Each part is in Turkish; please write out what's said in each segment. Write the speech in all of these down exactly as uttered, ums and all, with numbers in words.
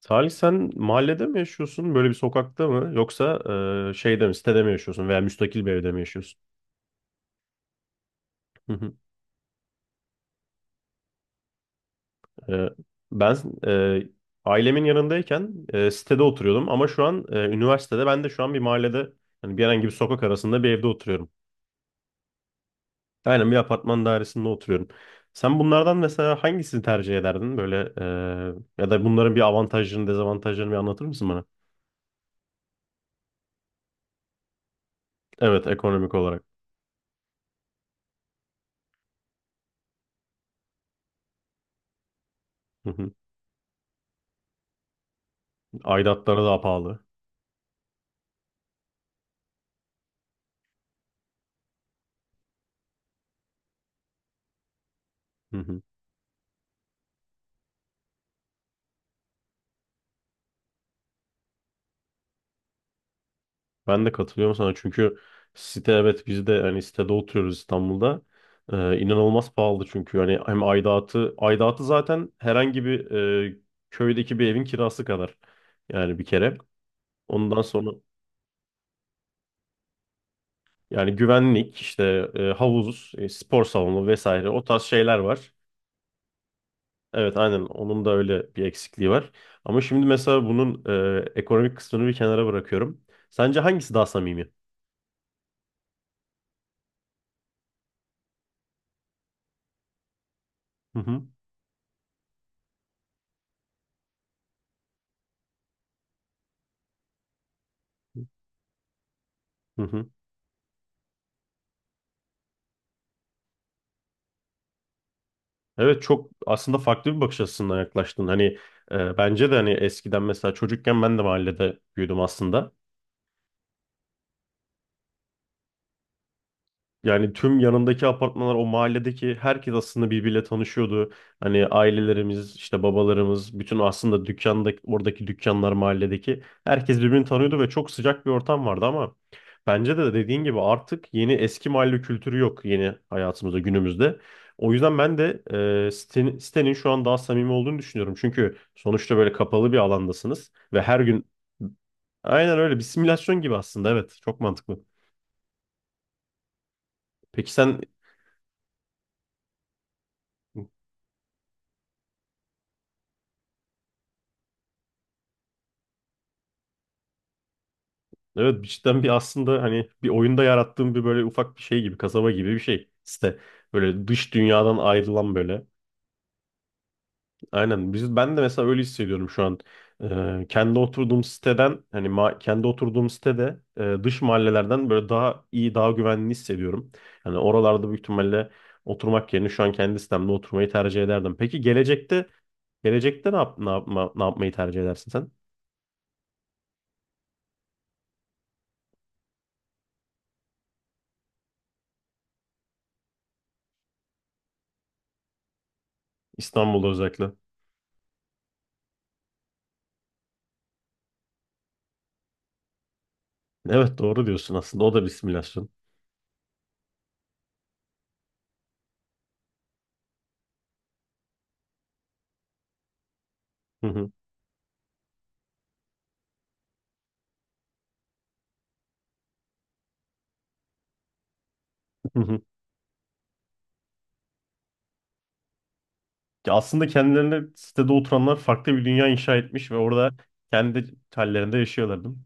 Salih sen mahallede mi yaşıyorsun? Böyle bir sokakta mı? Yoksa e, şeyde mi, sitede mi yaşıyorsun veya müstakil bir evde mi yaşıyorsun? Hı hı. E, Ben e, ailemin yanındayken e, sitede oturuyordum ama şu an e, üniversitede ben de şu an bir mahallede hani bir herhangi bir sokak arasında bir evde oturuyorum. Aynen bir apartman dairesinde oturuyorum. Sen bunlardan mesela hangisini tercih ederdin? Böyle e, ya da bunların bir avantajlarını, dezavantajlarını bir anlatır mısın bana? Evet, ekonomik olarak. Hı hı. Aidatları daha pahalı. Ben de katılıyorum sana çünkü site evet biz de hani sitede oturuyoruz İstanbul'da. Ee, inanılmaz pahalı çünkü hani hem aidatı aidatı zaten herhangi bir e, köydeki bir evin kirası kadar yani bir kere. Ondan sonra yani güvenlik işte e, havuz, e, spor salonu vesaire o tarz şeyler var. Evet aynen onun da öyle bir eksikliği var. Ama şimdi mesela bunun e, ekonomik kısmını bir kenara bırakıyorum. Sence hangisi daha samimi? Hı hı. Hı hı. Evet çok aslında farklı bir bakış açısından yaklaştın. Hani e, bence de hani eskiden mesela çocukken ben de mahallede büyüdüm aslında. Yani tüm yanındaki apartmanlar o mahalledeki herkes aslında birbiriyle tanışıyordu. Hani ailelerimiz işte babalarımız bütün aslında dükkanda oradaki dükkanlar mahalledeki herkes birbirini tanıyordu ve çok sıcak bir ortam vardı ama bence de dediğin gibi artık yeni eski mahalle kültürü yok yeni hayatımızda günümüzde. O yüzden ben de e, sitenin, sitenin şu an daha samimi olduğunu düşünüyorum. Çünkü sonuçta böyle kapalı bir alandasınız ve her gün aynen öyle bir simülasyon gibi aslında evet çok mantıklı. Peki sen Evet cidden bir aslında hani bir oyunda yarattığım bir böyle ufak bir şey gibi kasaba gibi bir şey. İşte böyle dış dünyadan ayrılan böyle. Aynen biz ben de mesela öyle hissediyorum şu an. Ee, kendi oturduğum siteden hani ma- kendi oturduğum sitede e, dış mahallelerden böyle daha iyi daha güvenli hissediyorum. Hani oralarda büyük ihtimalle oturmak yerine şu an kendi sitemde oturmayı tercih ederdim. Peki gelecekte Gelecekte ne yap, ne yapma, ne yapmayı tercih edersin sen? İstanbul'da özellikle. Evet doğru diyorsun aslında. O da bir simülasyon. Hı hı, hı hı. Ya aslında kendilerine sitede oturanlar farklı bir dünya inşa etmiş ve orada kendi hallerinde yaşıyorlar değil mi?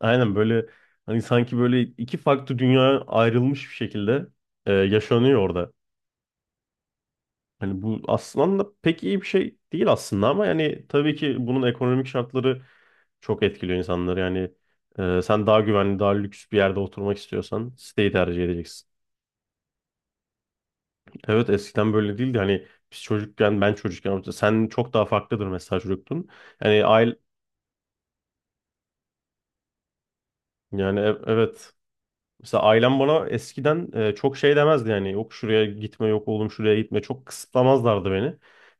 Aynen böyle hani sanki böyle iki farklı dünya ayrılmış bir şekilde e, yaşanıyor orada. Hani bu aslında pek iyi bir şey değil aslında ama yani tabii ki bunun ekonomik şartları çok etkiliyor insanları. Yani e, sen daha güvenli, daha lüks bir yerde oturmak istiyorsan siteyi tercih edeceksin. Evet eskiden böyle değildi. Hani biz çocukken, ben çocukken, sen çok daha farklıdır mesela çocuktun. Yani aile, yani e- evet. Mesela ailem bana eskiden e, çok şey demezdi yani yok şuraya gitme yok oğlum şuraya gitme çok kısıtlamazlardı beni.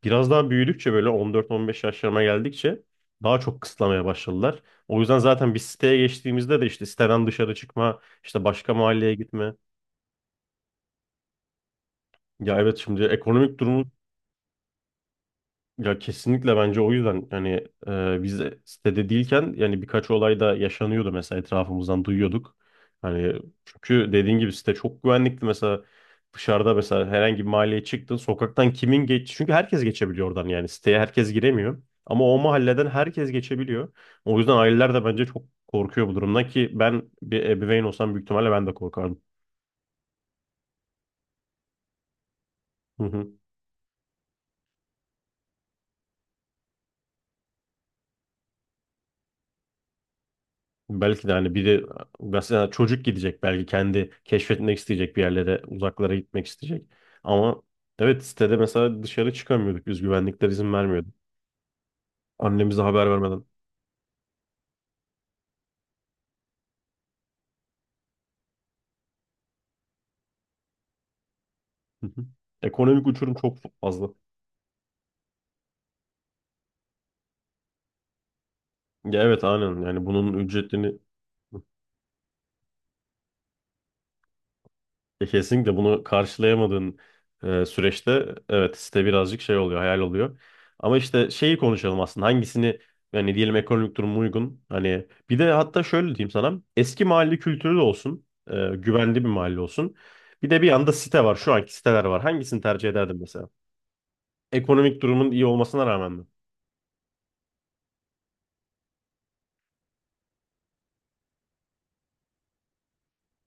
Biraz daha büyüdükçe böyle on dört on beş yaşlarıma geldikçe daha çok kısıtlamaya başladılar. O yüzden zaten bir siteye geçtiğimizde de işte siteden dışarı çıkma, işte başka mahalleye gitme. Ya evet şimdi ekonomik durumu Ya kesinlikle bence o yüzden yani e, biz de sitede değilken yani birkaç olay da yaşanıyordu mesela etrafımızdan duyuyorduk. Hani çünkü dediğin gibi site çok güvenlikti mesela dışarıda mesela herhangi bir mahalleye çıktın sokaktan kimin geç çünkü herkes geçebiliyor oradan yani siteye herkes giremiyor ama o mahalleden herkes geçebiliyor. O yüzden aileler de bence çok korkuyor bu durumdan ki ben bir ebeveyn olsam büyük ihtimalle ben de korkardım. Belki de hani biri mesela çocuk gidecek belki kendi keşfetmek isteyecek bir yerlere uzaklara gitmek isteyecek. Ama evet sitede mesela dışarı çıkamıyorduk biz güvenlikler izin vermiyordu. Annemize haber vermeden. Hı hı. Ekonomik uçurum çok fazla. Ya evet aynen yani bunun ücretini. E, Kesinlikle bunu karşılayamadığın e, süreçte evet site birazcık şey oluyor, hayal oluyor. Ama işte şeyi konuşalım aslında hangisini yani diyelim ekonomik durum uygun. Hani bir de hatta şöyle diyeyim sana eski mahalle kültürü de olsun, e, güvenli bir mahalle olsun. Bir de bir yanda site var, şu anki siteler var. Hangisini tercih ederdin mesela? Ekonomik durumun iyi olmasına rağmen mi?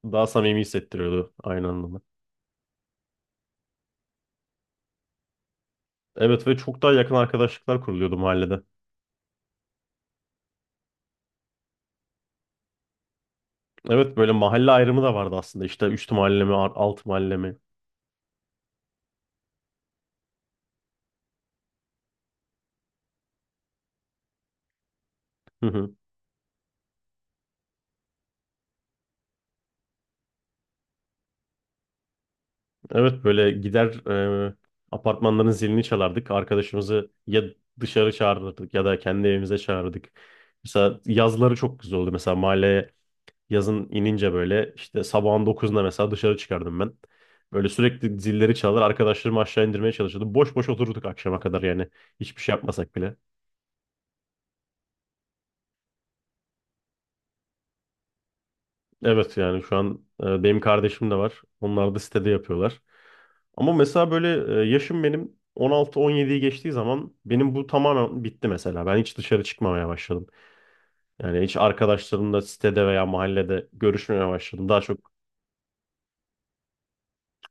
Daha samimi hissettiriyordu aynı anlamda. Evet ve çok daha yakın arkadaşlıklar kuruluyordu mahallede. Evet böyle mahalle ayrımı da vardı aslında. İşte üst mahalle mi, alt mahalle mi? Evet böyle gider e, apartmanların zilini çalardık. Arkadaşımızı ya dışarı çağırırdık ya da kendi evimize çağırırdık. Mesela yazları çok güzel oldu. Mesela mahalleye yazın inince böyle işte sabahın dokuzunda mesela dışarı çıkardım ben. Böyle sürekli zilleri çalar arkadaşlarımı aşağı indirmeye çalışırdım. Boş boş otururduk akşama kadar yani hiçbir şey yapmasak bile. Evet yani şu an e, benim kardeşim de var. Onlar da sitede yapıyorlar. Ama mesela böyle e, yaşım benim on altı on yediyi geçtiği zaman benim bu tamamen bitti mesela. Ben hiç dışarı çıkmamaya başladım. Yani hiç arkadaşlarımla sitede veya mahallede görüşmemeye başladım. Daha çok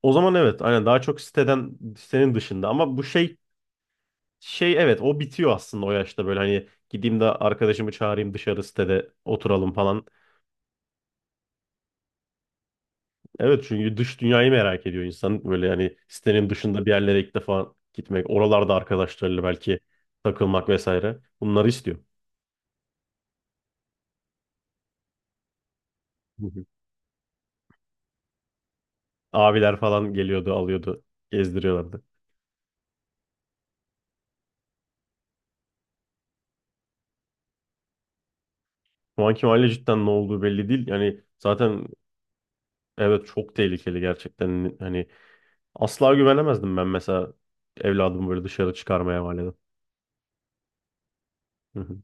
o zaman evet aynen daha çok siteden sitenin dışında ama bu şey şey evet o bitiyor aslında o yaşta böyle hani gideyim de arkadaşımı çağırayım dışarı sitede oturalım falan. Evet çünkü dış dünyayı merak ediyor insan. Böyle yani sitenin dışında bir yerlere ilk defa gitmek, oralarda arkadaşlarıyla belki takılmak vesaire. Bunları istiyor. Hı hı. Abiler falan geliyordu, alıyordu, gezdiriyorlardı. Şu anki mahalle cidden ne olduğu belli değil. Yani zaten evet çok tehlikeli gerçekten. Hani asla güvenemezdim ben mesela evladımı böyle dışarı çıkarmaya mahalleden. Hı hı.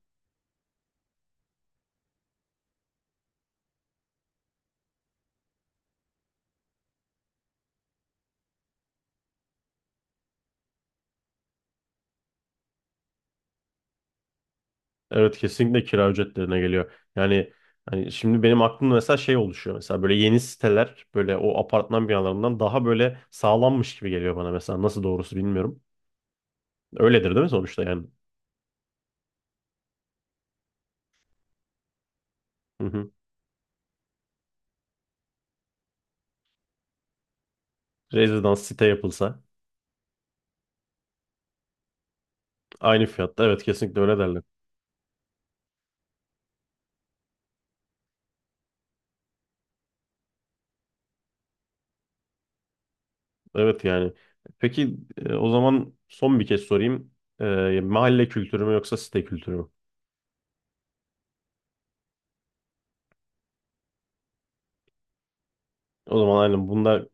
Evet kesinlikle kira ücretlerine geliyor. Yani hani şimdi benim aklımda mesela şey oluşuyor. Mesela böyle yeni siteler böyle o apartman binalarından daha böyle sağlammış gibi geliyor bana mesela. Nasıl doğrusu bilmiyorum. Öyledir değil mi sonuçta yani? Hı hı. Rezidans site yapılsa aynı fiyatta evet kesinlikle öyle derler. Evet yani. Peki e, o zaman son bir kez sorayım. E, mahalle kültürü mü yoksa site kültürü mü? O zaman aynen bunda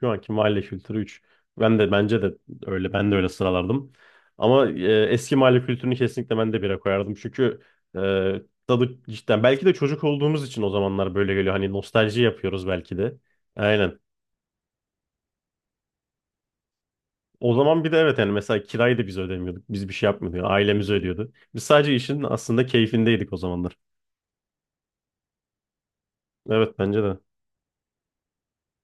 Şu anki mahalle kültürü üç. Ben de bence de öyle ben de öyle sıralardım. Ama e, eski mahalle kültürünü kesinlikle ben de bire koyardım. Çünkü e, tadı cidden belki de çocuk olduğumuz için o zamanlar böyle geliyor. Hani nostalji yapıyoruz belki de. Aynen. O zaman bir de evet yani mesela kirayı da biz ödemiyorduk. Biz bir şey yapmıyorduk. Yani ailemiz ödüyordu. Biz sadece işin aslında keyfindeydik o zamanlar. Evet bence de.